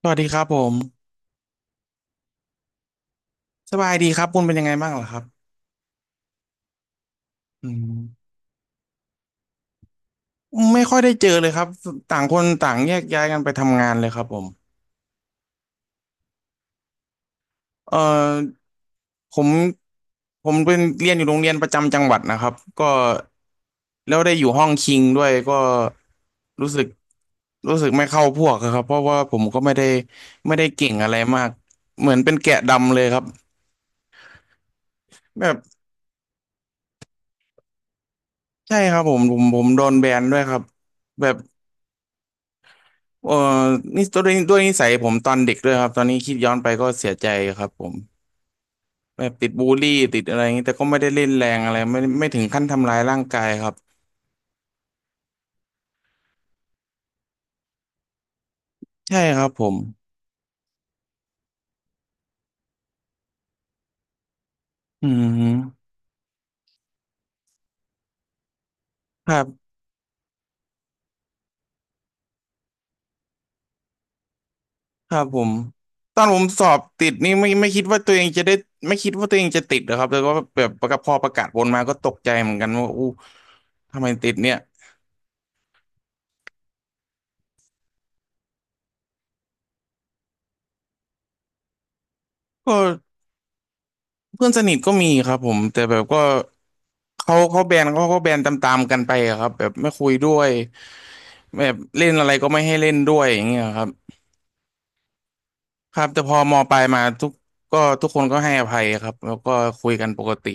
สวัสดีครับผมสบายดีครับคุณเป็นยังไงบ้างเหรอครับอืมไม่ค่อยได้เจอเลยครับต่างคนต่างแยกย้ายกันไปทำงานเลยครับผมเอ่อผมผมเป็นเรียนอยู่โรงเรียนประจำจังหวัดนะครับก็แล้วได้อยู่ห้องคิงด้วยก็รู้สึกรู้สึกไม่เข้าพวกอะครับเพราะว่าผมก็ไม่ได้เก่งอะไรมากเหมือนเป็นแกะดำเลยครับแบบใช่ครับผมโดนแบนด้วยครับแบบ เอ่อนี่ด้วยนิสัยผมตอนเด็กด้วยครับตอนนี้คิดย้อนไปก็เสียใจครับผมแบบติดบูลลี่ติดอะไรอย่างนี้แต่ก็ไม่ได้เล่นแรงอะไรไม่ถึงขั้นทำร้ายร่างกายครับ ใช่ครับผมอืมครับครับผมตอนผมสอบติดนี่ไม่คิดว่าตัวเองจะได้ไม่คิดว่าตัวเองจะติดนะครับแล้วก็แบบพอประกาศผลมาก็ตกใจเหมือนกันว่าอู้ทำไมติดเนี่ยก็เพื่อนสนิทก็มีครับผม แต่แบบก็เขาแบนเขาก็แบนตามๆกันไปอะครับแบบไม่คุยด้วย แบบเล่นอะไรก็ไม่ให้เล่นด้วยอย่างเงี้ยครับครับแต่พอมปลายมาทุกคนก็ให้อภัยครับแล้วก็คุยกันปกติ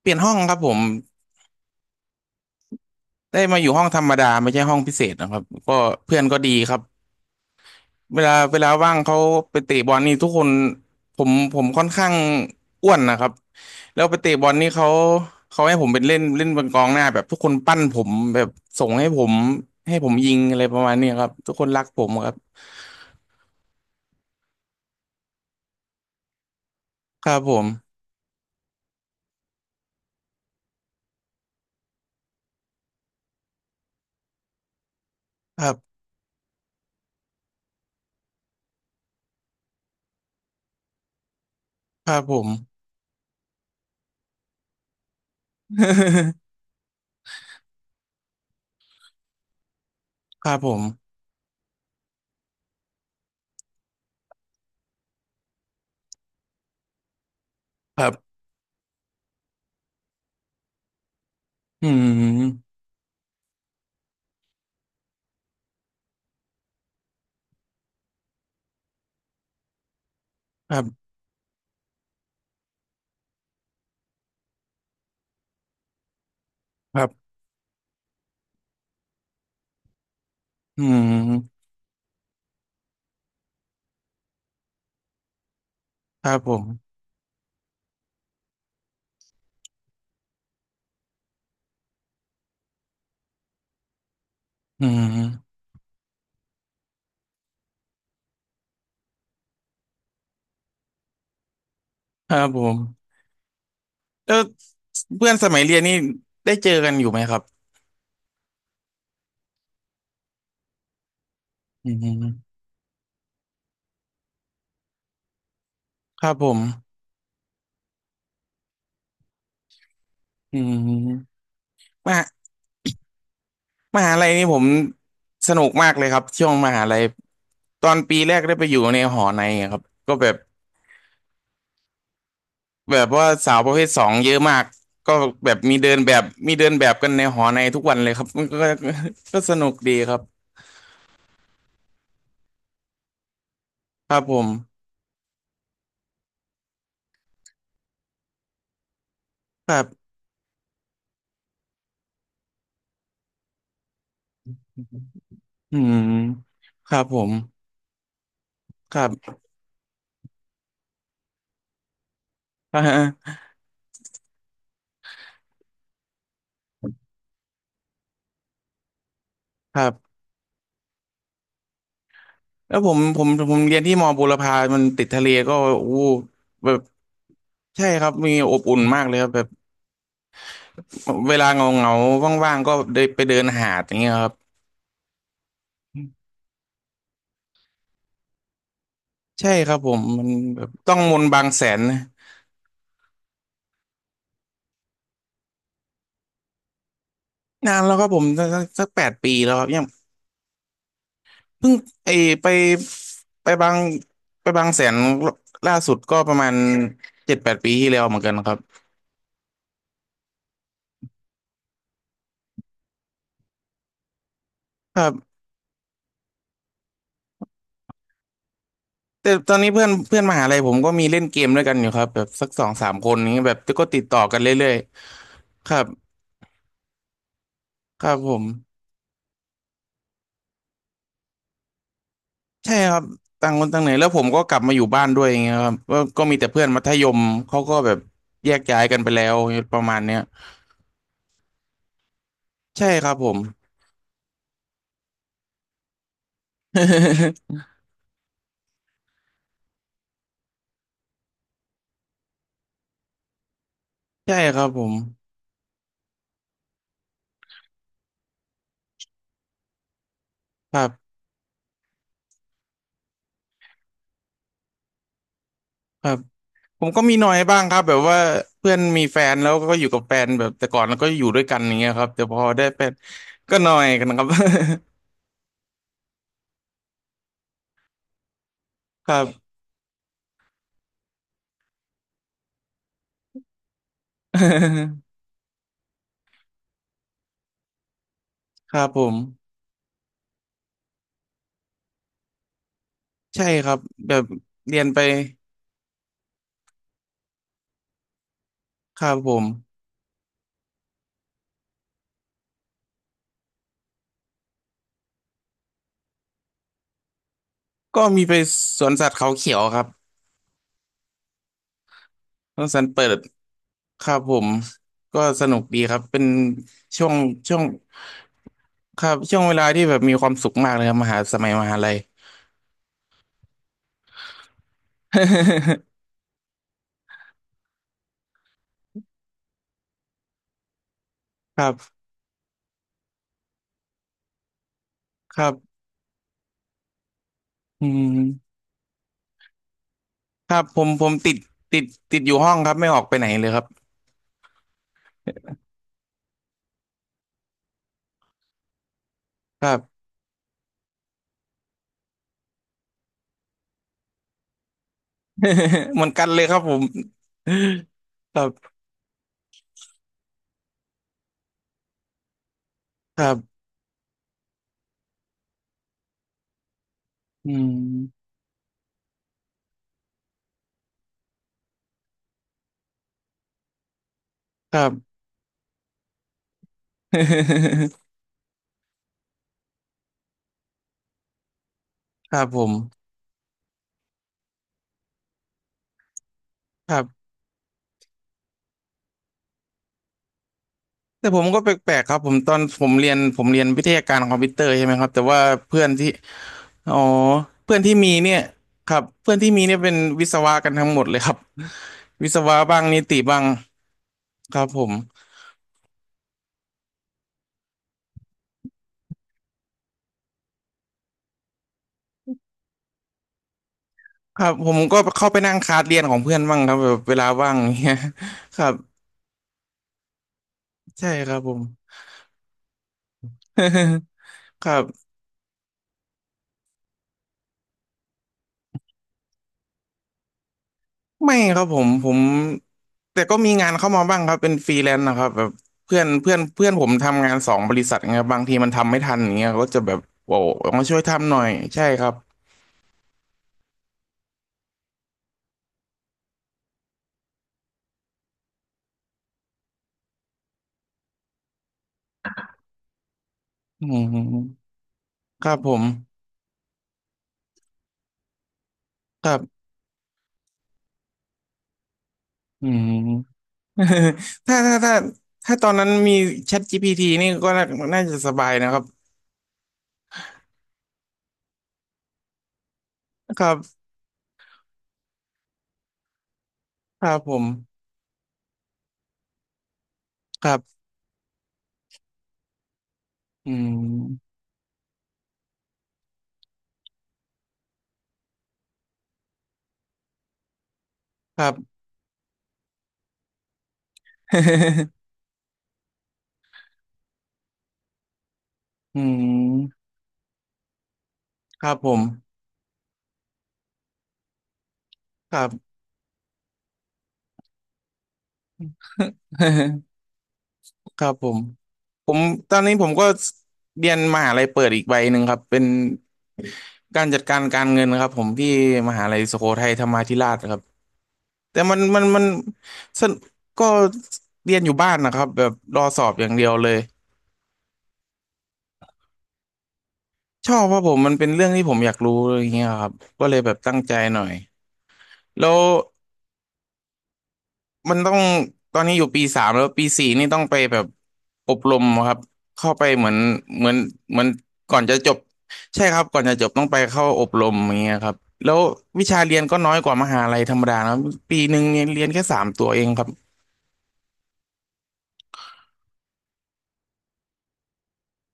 เปลี่ยนห้องครับผมได้มาอยู่ห้องธรรมดาไม่ใช่ห้องพิเศษนะครับก็เพื่อนก็ดีครับเวลาว่างเขาไปเตะบอลนี่ทุกคนผมค่อนข้างอ้วนนะครับแล้วไปเตะบอลนี่เขาให้ผมเป็นเล่นเล่นเป็นกองหน้าแบบทุกคนปั้นผมแบบส่งให้ผมยิงอะไรประมาณนี้ครับทุกคนรักผมครับครับผมครับครับผม ครับผมครับอืมครับครับอืมครับผมอืมครับผมแล้วเพื่อนสมัยเรียนนี่ได้เจอกันอยู่ไหมครับอืมครับผมอืมมหามหาลัยนี่ผมสนุกมากเลยครับช่วงมหาลัยตอนปีแรกได้ไปอยู่ในหอในอะครับก็แบบว่าสาวประเภทสองเยอะมากก็แบบมีเดินแบบกันในหอในทุกวันเลยครับ ก็ ก็สนุกดีครับครับผมครับ อืมครับผมครับอ่าฮะครับแล้วผมเรียนที่มอบุรพามันติดทะเลก็อู้แบบใช่ครับมีอบอุ่นมากเลยครับแบบเวลาเงาเงาว่างๆก็เดินไปเดินหาดอย่างเงี้ยครับ ใช่ครับผมมันแบบต้องมนต์บางแสนนะนานแล้วครับผมสัก8 ปีแล้วครับยังเพิ่งไอไปไปบางไปบางแสนล่าสุดก็ประมาณ7-8 ปีที่แล้วเหมือนกันครับ แต่ตอนนี้เพื่อนเพื่อนมหาลัยผมก็มีเล่นเกมด้วยกันอยู่ครับแบบสัก2-3 คนนี้ยแบบก็ติดต่อกันเรื่อยๆครับครับผมใช่ครับต่างคนต่างไหนแล้วผมก็กลับมาอยู่บ้านด้วยอย่างเงี้ยครับก็มีแต่เพื่อนมัธยมเขาก็แบบแยกย้ายกันไปแล้วประมาณเนี้ยใช่ครับผม ใช่ครับผมครับครับผมก็มีหน่อยบ้างครับแบบว่าเพื่อนมีแฟนแล้วก็อยู่กับแฟนแบบแต่ก่อนแล้วก็อยู่ด้วยกันอย่างเงี้ยครับแต่พอได้แฟนก็หน่อยกันครับ ครับ ครับผมใช่ครับแบบเรียนไปครับผมก็มีไปสวนสัตว์เขาเขียวครับสวนสัตว์เปิดครับผมก็สนุกดีครับเป็นช่วงช่วงครับช่วงเวลาที่แบบมีความสุขมากเลยครับมหาสมัยมหาลัย ครับครับอืมครับผมผมติดติดอยู่ห้องครับไม่ออกไปไหนเลยครับครับ เหมือนกันเลยครับผมครับครับอืมครับ ครับผมครับ แต่ผมก็แปลกๆครับผมตอนผมเรียนวิทยาการคอมพิวเตอร์ใช่ไหมครับแต่ว่าเพื่อนที่อ๋อเพื่อนที่มีเนี่ยครับเพื่อนที่มีเนี่ยเป็นวิศวะกันทั้งหมดเลยครับวิศวะบ้างนิติบ้างครับผมครับผมก็เข้าไปนั่งคลาสเรียนของเพื่อนบ้างครับแบบเวลาว่างเนี่ยครับใช่ครับผม ครับ ไม่ครับผมแต่ก็มีงานเข้ามาบ้างครับเป็นฟรีแลนซ์นะครับแบบเพื่อนเพื่อนเพื่อนผมทำงาน2 บริษัทไงบางทีมันทำไม่ทันอย่างเงี้ยก็จะแบบโอ้มาช่วยทำหน่อยใช่ครับอืมครับผมครับอืม ถ้าถ้าถ้าถ้าตอนนั้นมี ChatGPT นี่ก็น่าจะสบายนะครับครับครับผมครับอืมครับ อืมครับผมครับ ครับผม ผมตอนนี้ผมก็เรียนมหาลัยเปิดอีกใบหนึ่งครับเป็นการจัดการการเงินครับผมที่มหาลัยสุโขทัยธรรมาธิราชครับแต่มันก็เรียนอยู่บ้านนะครับแบบรอสอบอย่างเดียวเลยชอบเพราะผมมันเป็นเรื่องที่ผมอยากรู้อะไรอย่างเงี้ยครับก็เลยแบบตั้งใจหน่อยแล้ว มันต้องตอนนี้อยู่ปี 3แล้วปี 4นี่ต้องไปแบบอบรมครับเข้าไปเหมือนเหมือนก่อนจะจบใช่ครับก่อนจะจบต้องไปเข้าอบรมอย่างเงี้ยครับแล้ววิชาเรียนก็น้อยกว่ามหาลัยธรรมดานะปี 1เนี่ยเรียนแค่สามตัวเองครับ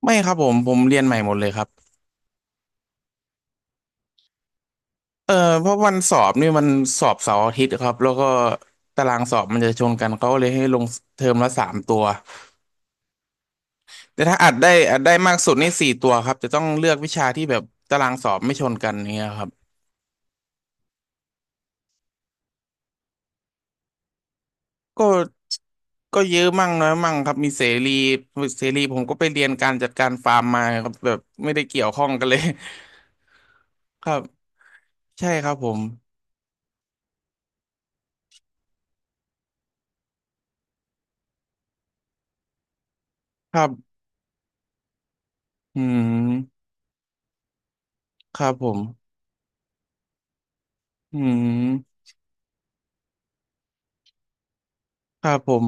ไม่ครับผมเรียนใหม่หมดเลยครับเออเพราะวันสอบนี่มันสอบเสาร์อาทิตย์ครับแล้วก็ตารางสอบมันจะชนกันเขาก็เลยให้ลงเทอมละสามตัว แต่ถ้าอัดได้มากสุดนี่4 ตัวครับจะต้องเลือกวิชาที่แบบตารางสอบไม่ชนกันเงี้ยครับก็ก็เยอะมั่งน้อยมั่งครับมีเสรีเสรีผมก็ไปเรียนการจัดการฟาร์มมาครับแบบไม่ได้เกี่ยวข้องกันเลย ครับใช่ครับผมครับอืมครับผมอืมครับผม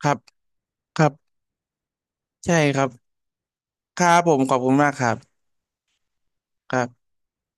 ครับครับใช่ครับครับผมขอบคุณมากครับครับ